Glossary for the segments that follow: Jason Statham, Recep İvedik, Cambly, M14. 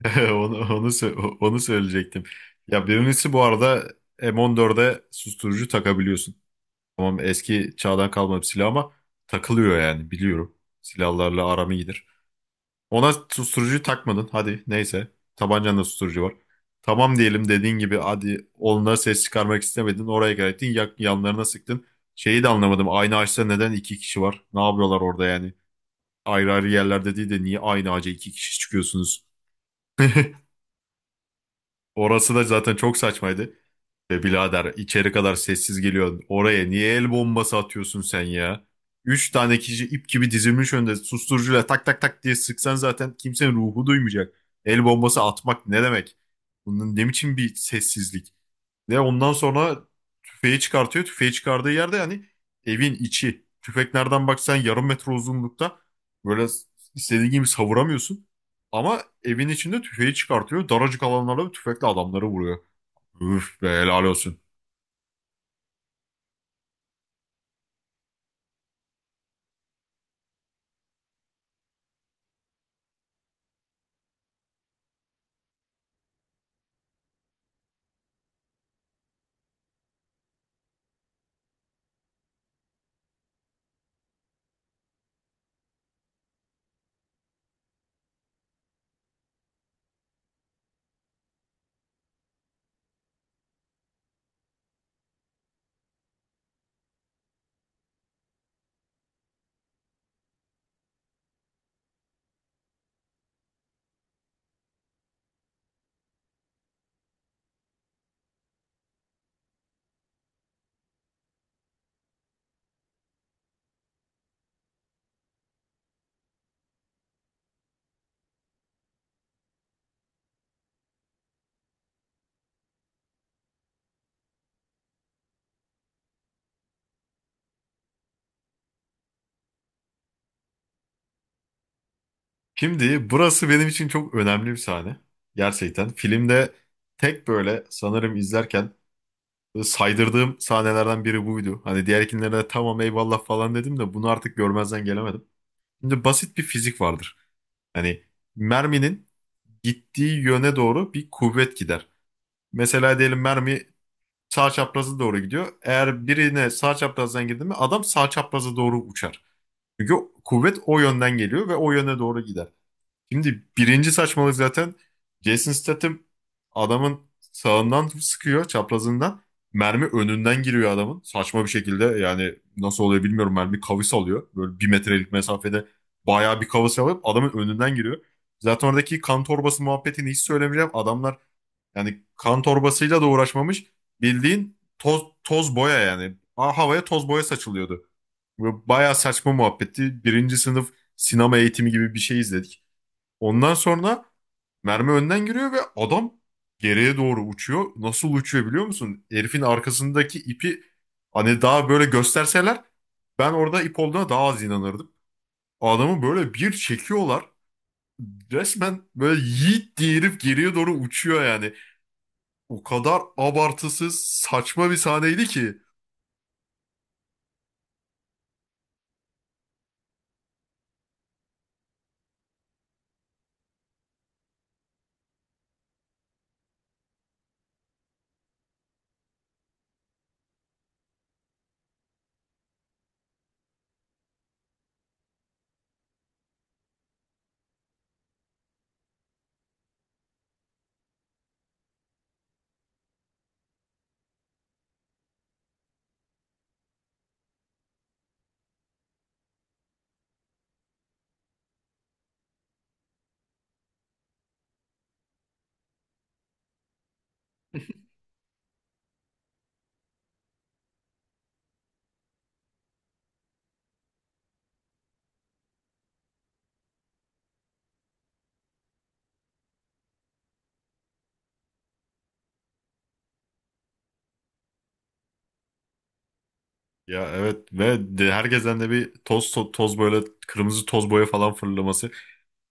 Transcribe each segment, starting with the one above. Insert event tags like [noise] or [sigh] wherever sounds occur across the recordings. [laughs] Onu söyleyecektim. Ya birincisi bu arada M14'e susturucu takabiliyorsun. Tamam eski çağdan kalma bir silah ama takılıyor yani biliyorum. Silahlarla aram iyidir. Ona susturucu takmadın hadi neyse. Tabancanda susturucu var. Tamam diyelim dediğin gibi hadi onlara ses çıkarmak istemedin. Oraya geldin yanlarına sıktın. Şeyi de anlamadım, aynı ağaçta neden iki kişi var? Ne yapıyorlar orada yani? Ayrı ayrı yerlerde değil de niye aynı ağaca iki kişi çıkıyorsunuz? Orası da zaten çok saçmaydı. Be birader, içeri kadar sessiz geliyorsun. Oraya niye el bombası atıyorsun sen ya? Üç tane kişi ip gibi dizilmiş önde, susturucuyla tak tak tak diye sıksan zaten kimsenin ruhu duymayacak. El bombası atmak ne demek? Bunun ne biçim bir sessizlik? Ve ondan sonra tüfeği çıkartıyor. Tüfeği çıkardığı yerde yani evin içi. Tüfek nereden baksan yarım metre uzunlukta. Böyle istediğin gibi savuramıyorsun. Ama evin içinde tüfeği çıkartıyor. Daracık alanlarda bir tüfekle adamları vuruyor. Üf be, helal olsun. Şimdi burası benim için çok önemli bir sahne. Gerçekten filmde tek böyle sanırım izlerken saydırdığım sahnelerden biri buydu. Hani diğer de tamam, eyvallah falan dedim de bunu artık görmezden gelemedim. Şimdi basit bir fizik vardır. Hani merminin gittiği yöne doğru bir kuvvet gider. Mesela diyelim mermi sağ çaprazı doğru gidiyor. Eğer birine sağ çaprazdan girdi mi adam sağ çaprazı doğru uçar. Çünkü kuvvet o yönden geliyor ve o yöne doğru gider. Şimdi birinci saçmalık zaten, Jason Statham adamın sağından sıkıyor, çaprazından. Mermi önünden giriyor adamın. Saçma bir şekilde yani, nasıl oluyor bilmiyorum, mermi kavis alıyor. Böyle bir metrelik mesafede bayağı bir kavis alıp adamın önünden giriyor. Zaten oradaki kan torbası muhabbetini hiç söylemeyeceğim. Adamlar yani kan torbasıyla da uğraşmamış. Bildiğin toz, toz boya yani. Havaya toz boya saçılıyordu. Böyle bayağı saçma muhabbetti. Birinci sınıf sinema eğitimi gibi bir şey izledik. Ondan sonra mermi önden giriyor ve adam geriye doğru uçuyor. Nasıl uçuyor biliyor musun? Herifin arkasındaki ipi hani daha böyle gösterseler, ben orada ip olduğuna daha az inanırdım. Adamı böyle bir çekiyorlar. Resmen böyle yiğit diye herif geriye doğru uçuyor yani. O kadar abartısız saçma bir sahneydi ki. Ya evet, ve de herkesten de bir toz böyle kırmızı toz boya falan fırlaması.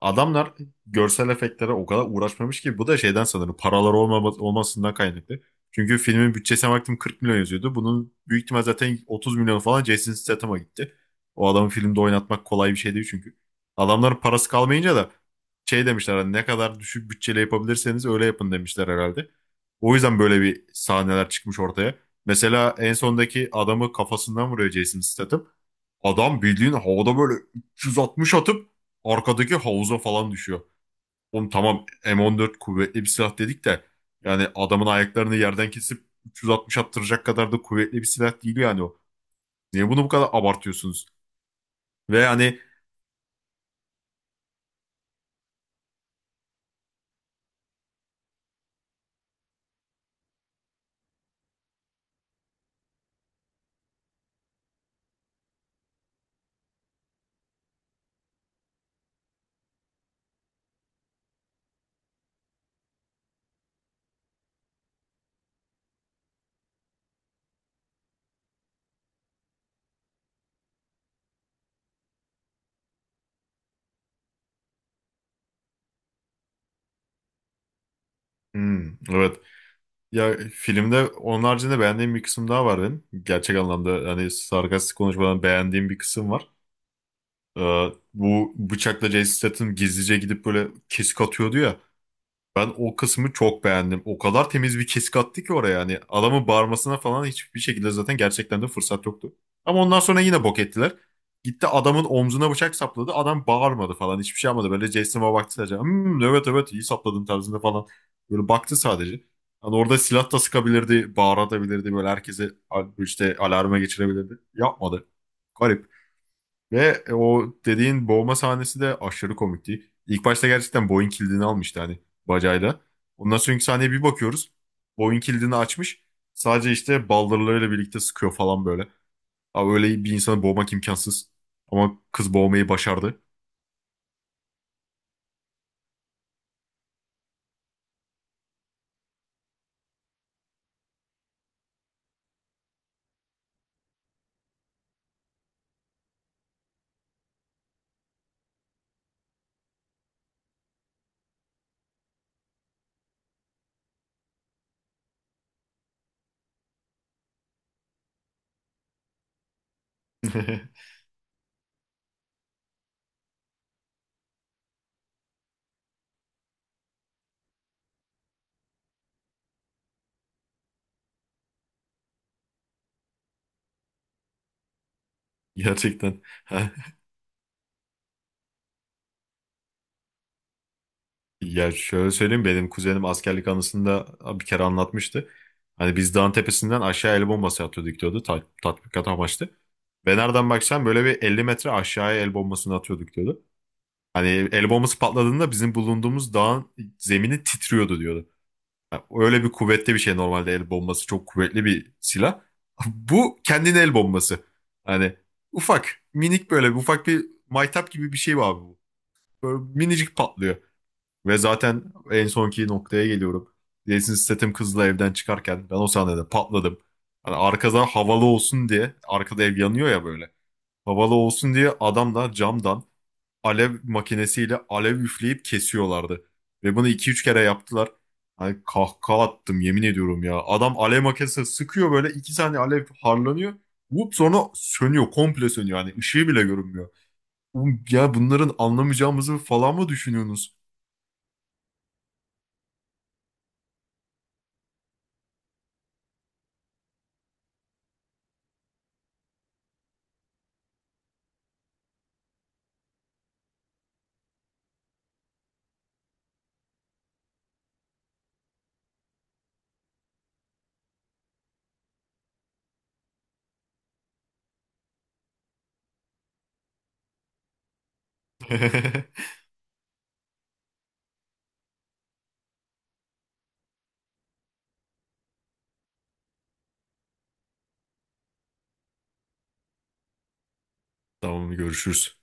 Adamlar görsel efektlere o kadar uğraşmamış ki, bu da şeyden sanırım paraları olmasından kaynaklı. Çünkü filmin bütçesine baktım, 40 milyon yazıyordu. Bunun büyük ihtimal zaten 30 milyon falan Jason Statham'a gitti. O adamı filmde oynatmak kolay bir şey değil çünkü. Adamların parası kalmayınca da şey demişler, hani ne kadar düşük bütçeyle yapabilirseniz öyle yapın demişler herhalde. O yüzden böyle bir sahneler çıkmış ortaya. Mesela en sondaki adamı kafasından vuruyor Jason Statham. Adam bildiğin havada böyle 360 atıp arkadaki havuza falan düşüyor. Oğlum tamam, M14 kuvvetli bir silah dedik de yani adamın ayaklarını yerden kesip 360 attıracak kadar da kuvvetli bir silah değil yani o. Niye bunu bu kadar abartıyorsunuz? Ve hani, hmm, evet, ya filmde onun haricinde beğendiğim bir kısım daha var benim. Gerçek anlamda hani sarkastik konuşmadan beğendiğim bir kısım var. Ee, bu bıçakla Jason Statham gizlice gidip böyle kesik atıyordu ya. Ben o kısmı çok beğendim. O kadar temiz bir kesik attı ki oraya yani. Adamın bağırmasına falan hiçbir şekilde zaten gerçekten de fırsat yoktu. Ama ondan sonra yine bok ettiler. Gitti adamın omzuna bıçak sapladı. Adam bağırmadı falan. Hiçbir şey yapmadı. Böyle Jason'a baktı sadece. Hmm, evet evet, iyi sapladın tarzında falan. Böyle baktı sadece. Hani orada silah da sıkabilirdi. Bağıratabilirdi. Böyle herkese işte alarma geçirebilirdi. Yapmadı. Garip. Ve o dediğin boğma sahnesi de aşırı komikti. İlk başta gerçekten boyun kilidini almıştı hani, bacayla. Ondan sonraki sahneye bir bakıyoruz. Boyun kilidini açmış. Sadece işte baldırlarıyla birlikte sıkıyor falan böyle. Abi öyle bir insanı boğmak imkansız. Ama kız boğmayı başardı. [laughs] Gerçekten. [laughs] Ya şöyle söyleyeyim, benim kuzenim askerlik anısında bir kere anlatmıştı. Hani biz dağın tepesinden aşağı el bombası atıyorduk diyordu. Tatbikat amaçlı. Ve nereden baksan böyle bir 50 metre aşağıya el bombasını atıyorduk diyordu. Hani el bombası patladığında bizim bulunduğumuz dağın zemini titriyordu diyordu. Yani öyle bir kuvvetli bir şey, normalde el bombası çok kuvvetli bir silah. [laughs] Bu kendine el bombası. Hani ufak, minik böyle bir ufak bir maytap gibi bir şey var abi bu. Böyle minicik patlıyor. Ve zaten en sonki noktaya geliyorum. Jason Statham kızla evden çıkarken ben o sahnede patladım. Hani arkadan havalı olsun diye, arkada ev yanıyor ya böyle. Havalı olsun diye adamlar camdan alev makinesiyle alev üfleyip kesiyorlardı. Ve bunu iki üç kere yaptılar. Hani kahkaha attım, yemin ediyorum ya. Adam alev makinesi sıkıyor, böyle 2 saniye alev harlanıyor. Vup, sonra sönüyor, komple sönüyor. Hani ışığı bile görünmüyor. Oğlum ya, bunların anlamayacağımızı falan mı düşünüyorsunuz? [laughs] Tamam, görüşürüz.